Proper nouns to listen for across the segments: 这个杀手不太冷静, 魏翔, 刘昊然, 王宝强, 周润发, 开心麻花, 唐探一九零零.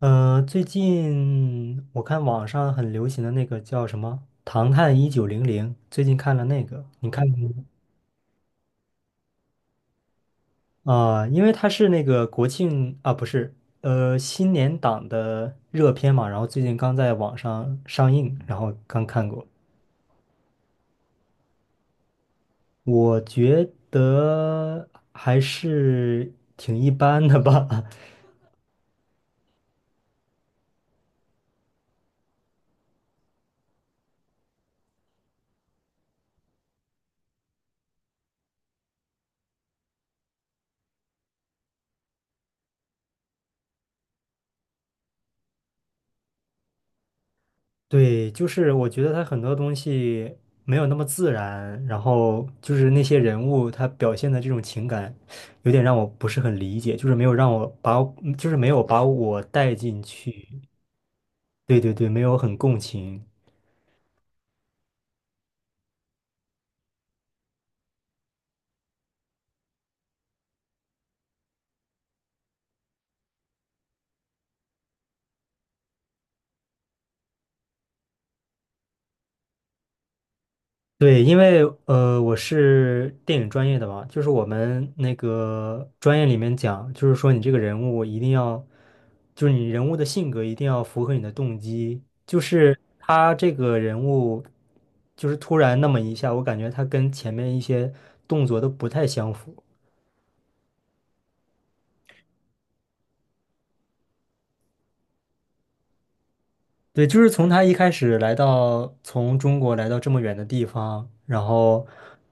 最近我看网上很流行的那个叫什么《唐探一九零零》，最近看了那个，你看过吗？因为它是那个国庆啊，不是，新年档的热片嘛，然后最近刚在网上上映，然后刚看过，我觉得还是挺一般的吧。对，就是我觉得他很多东西没有那么自然，然后就是那些人物他表现的这种情感，有点让我不是很理解，就是没有让我把我就是没有把我带进去。对对对，没有很共情。对，因为我是电影专业的嘛，就是我们那个专业里面讲，就是说你这个人物一定要，就是你人物的性格一定要符合你的动机。就是他这个人物，就是突然那么一下，我感觉他跟前面一些动作都不太相符。对，就是从他一开始来到从中国来到这么远的地方，然后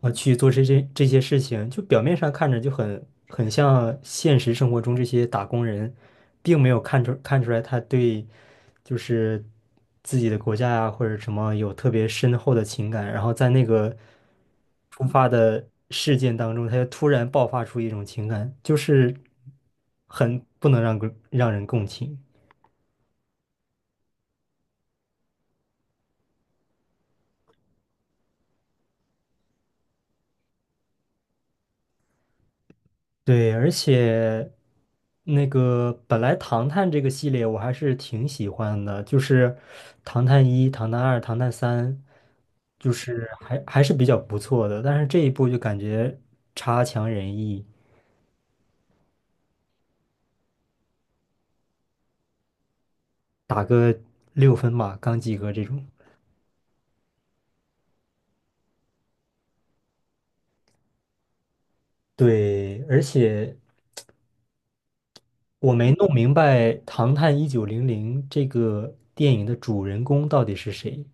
去做这些事情，就表面上看着就很像现实生活中这些打工人，并没有看出看出来他对就是自己的国家呀、或者什么有特别深厚的情感，然后在那个突发的事件当中，他就突然爆发出一种情感，就是很不能让人共情。对，而且那个本来《唐探》这个系列我还是挺喜欢的，就是《唐探一》《唐探二》《唐探三》，就是还是比较不错的。但是这一部就感觉差强人意，打个6分吧，刚及格这种。对，而且我没弄明白《唐探一九零零》这个电影的主人公到底是谁。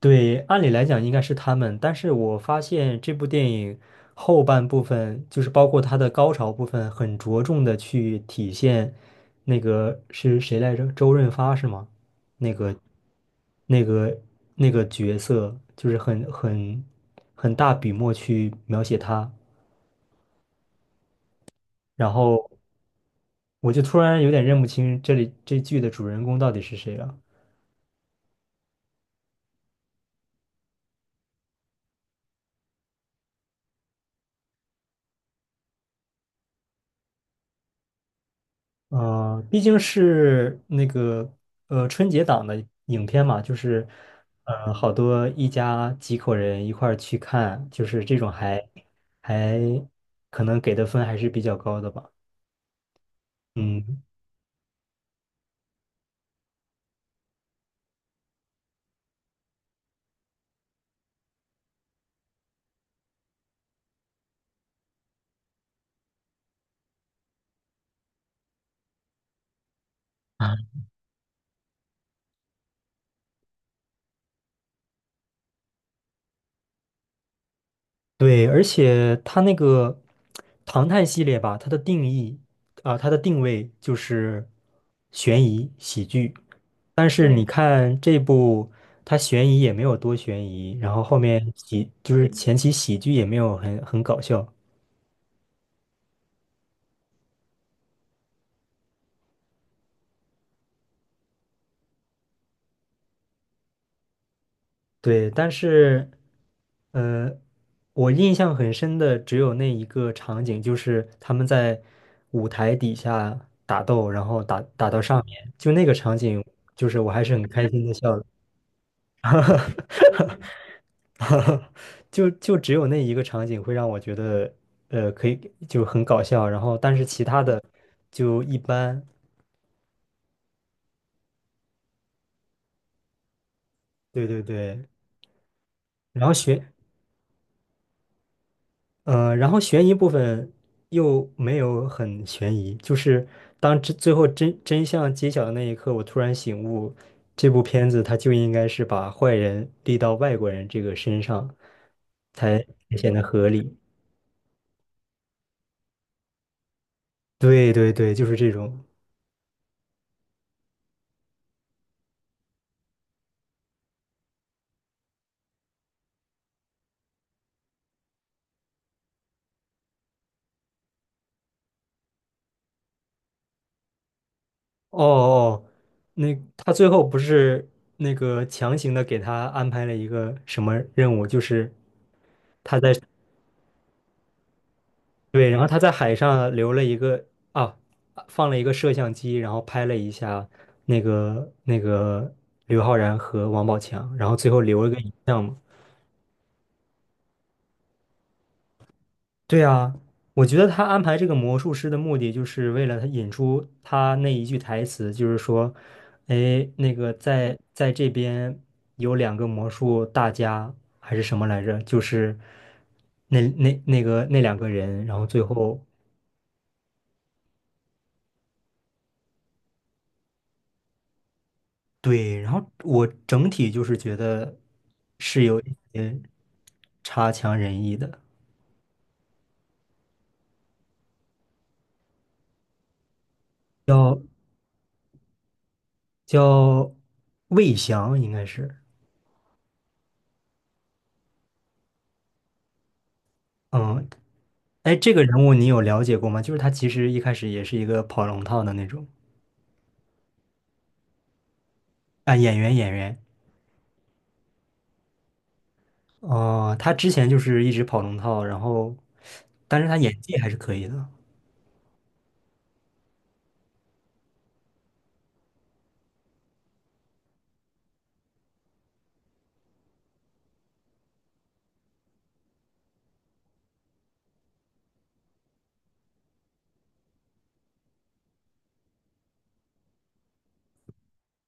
对，按理来讲应该是他们，但是我发现这部电影后半部分，就是包括它的高潮部分，很着重的去体现那个是谁来着？周润发是吗？那个、那个、那个角色，就是很大笔墨去描写他，然后我就突然有点认不清这里这剧的主人公到底是谁了。嗯，毕竟是那个春节档的影片嘛，就是好多一家几口人一块儿去看，就是这种还可能给的分还是比较高的吧。嗯。对，而且它那个唐探系列吧，它的定位就是悬疑喜剧。但是你看这部，它悬疑也没有多悬疑，然后后面就是前期喜剧也没有很搞笑。对，但是呃，我印象很深的只有那一个场景，就是他们在舞台底下打斗，然后打到上面，就那个场景，就是我还是很开心的笑的。哈哈，就只有那一个场景会让我觉得，可以就很搞笑，然后但是其他的就一般。对对对，然后悬，呃，然后悬疑部分又没有很悬疑，就是当真最后真相揭晓的那一刻，我突然醒悟，这部片子它就应该是把坏人立到外国人这个身上，才显得合理。对对对，就是这种。哦哦，那他最后不是那个强行的给他安排了一个什么任务？就是对，然后他在海上留了一个啊，放了一个摄像机，然后拍了一下那个刘昊然和王宝强，然后最后留了个影像嘛。对啊，我觉得他安排这个魔术师的目的，就是为了他引出他那一句台词，就是说，哎，那个在这边有两个魔术大家还是什么来着？就是那那两个人，然后最后对，然后我整体就是觉得是有一些差强人意的。叫叫魏翔应该是。嗯，哎，这个人物你有了解过吗？就是他其实一开始也是一个跑龙套的那种。啊，演员演员。哦，他之前就是一直跑龙套，然后，但是他演技还是可以的。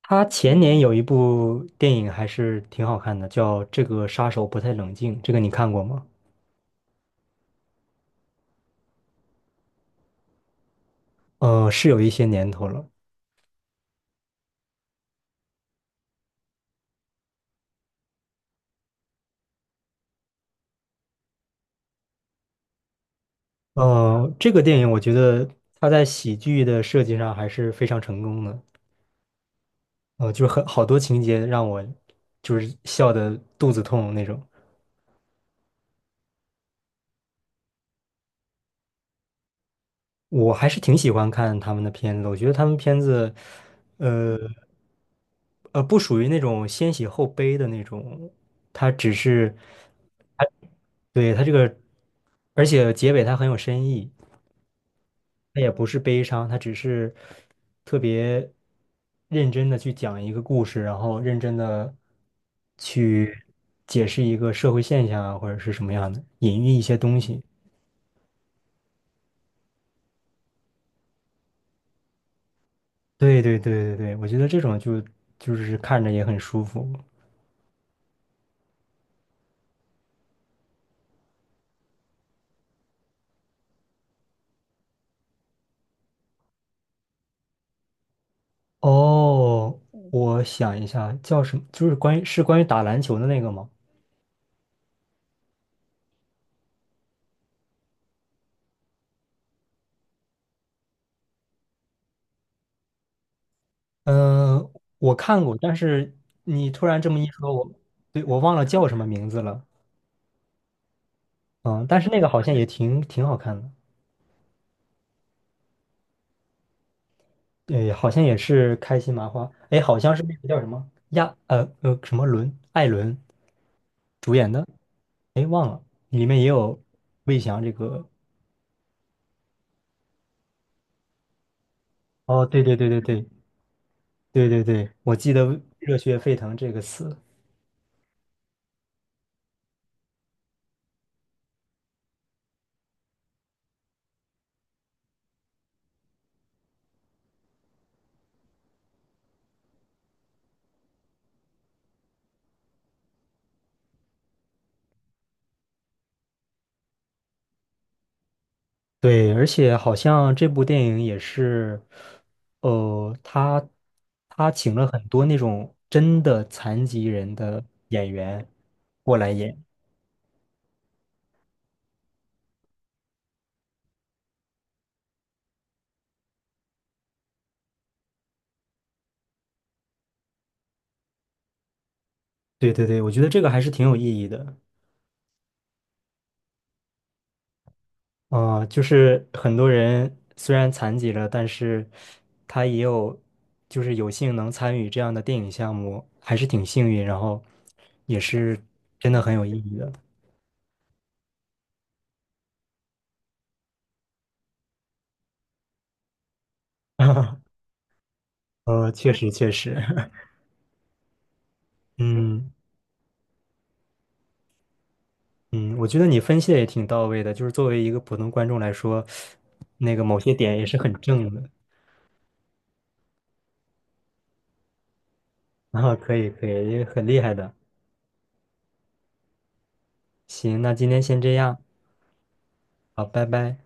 他前年有一部电影还是挺好看的，叫《这个杀手不太冷静》，这个你看过吗？是有一些年头了。这个电影我觉得他在喜剧的设计上还是非常成功的。就是很好多情节让我就是笑得肚子痛那种。我还是挺喜欢看他们的片子的，我觉得他们片子，呃不属于那种先喜后悲的那种，它只是，它对它这个，而且结尾它很有深意，它也不是悲伤，它只是特别认真的去讲一个故事，然后认真的去解释一个社会现象啊，或者是什么样的，隐喻一些东西。对对对对对，我觉得这种就是看着也很舒服。哦，我想一下，叫什么？就是关于打篮球的那个吗？嗯，我看过，但是你突然这么一说，我对我忘了叫什么名字了。嗯，但是那个好像也挺好看的。对，好像也是开心麻花，哎，好像是那个叫什么伦艾伦主演的，哎，忘了，里面也有魏翔这个。哦，对对对对对对对对，我记得热血沸腾这个词。对，而且好像这部电影也是，呃，他他请了很多那种真的残疾人的演员过来演。对对对，我觉得这个还是挺有意义的。就是很多人虽然残疾了，但是他也有就是有幸能参与这样的电影项目，还是挺幸运，然后也是真的很有意义的。确实确实。嗯。嗯，我觉得你分析的也挺到位的，就是作为一个普通观众来说，那个某些点也是很正的。啊，可以可以，也很厉害的。行，那今天先这样。好，拜拜。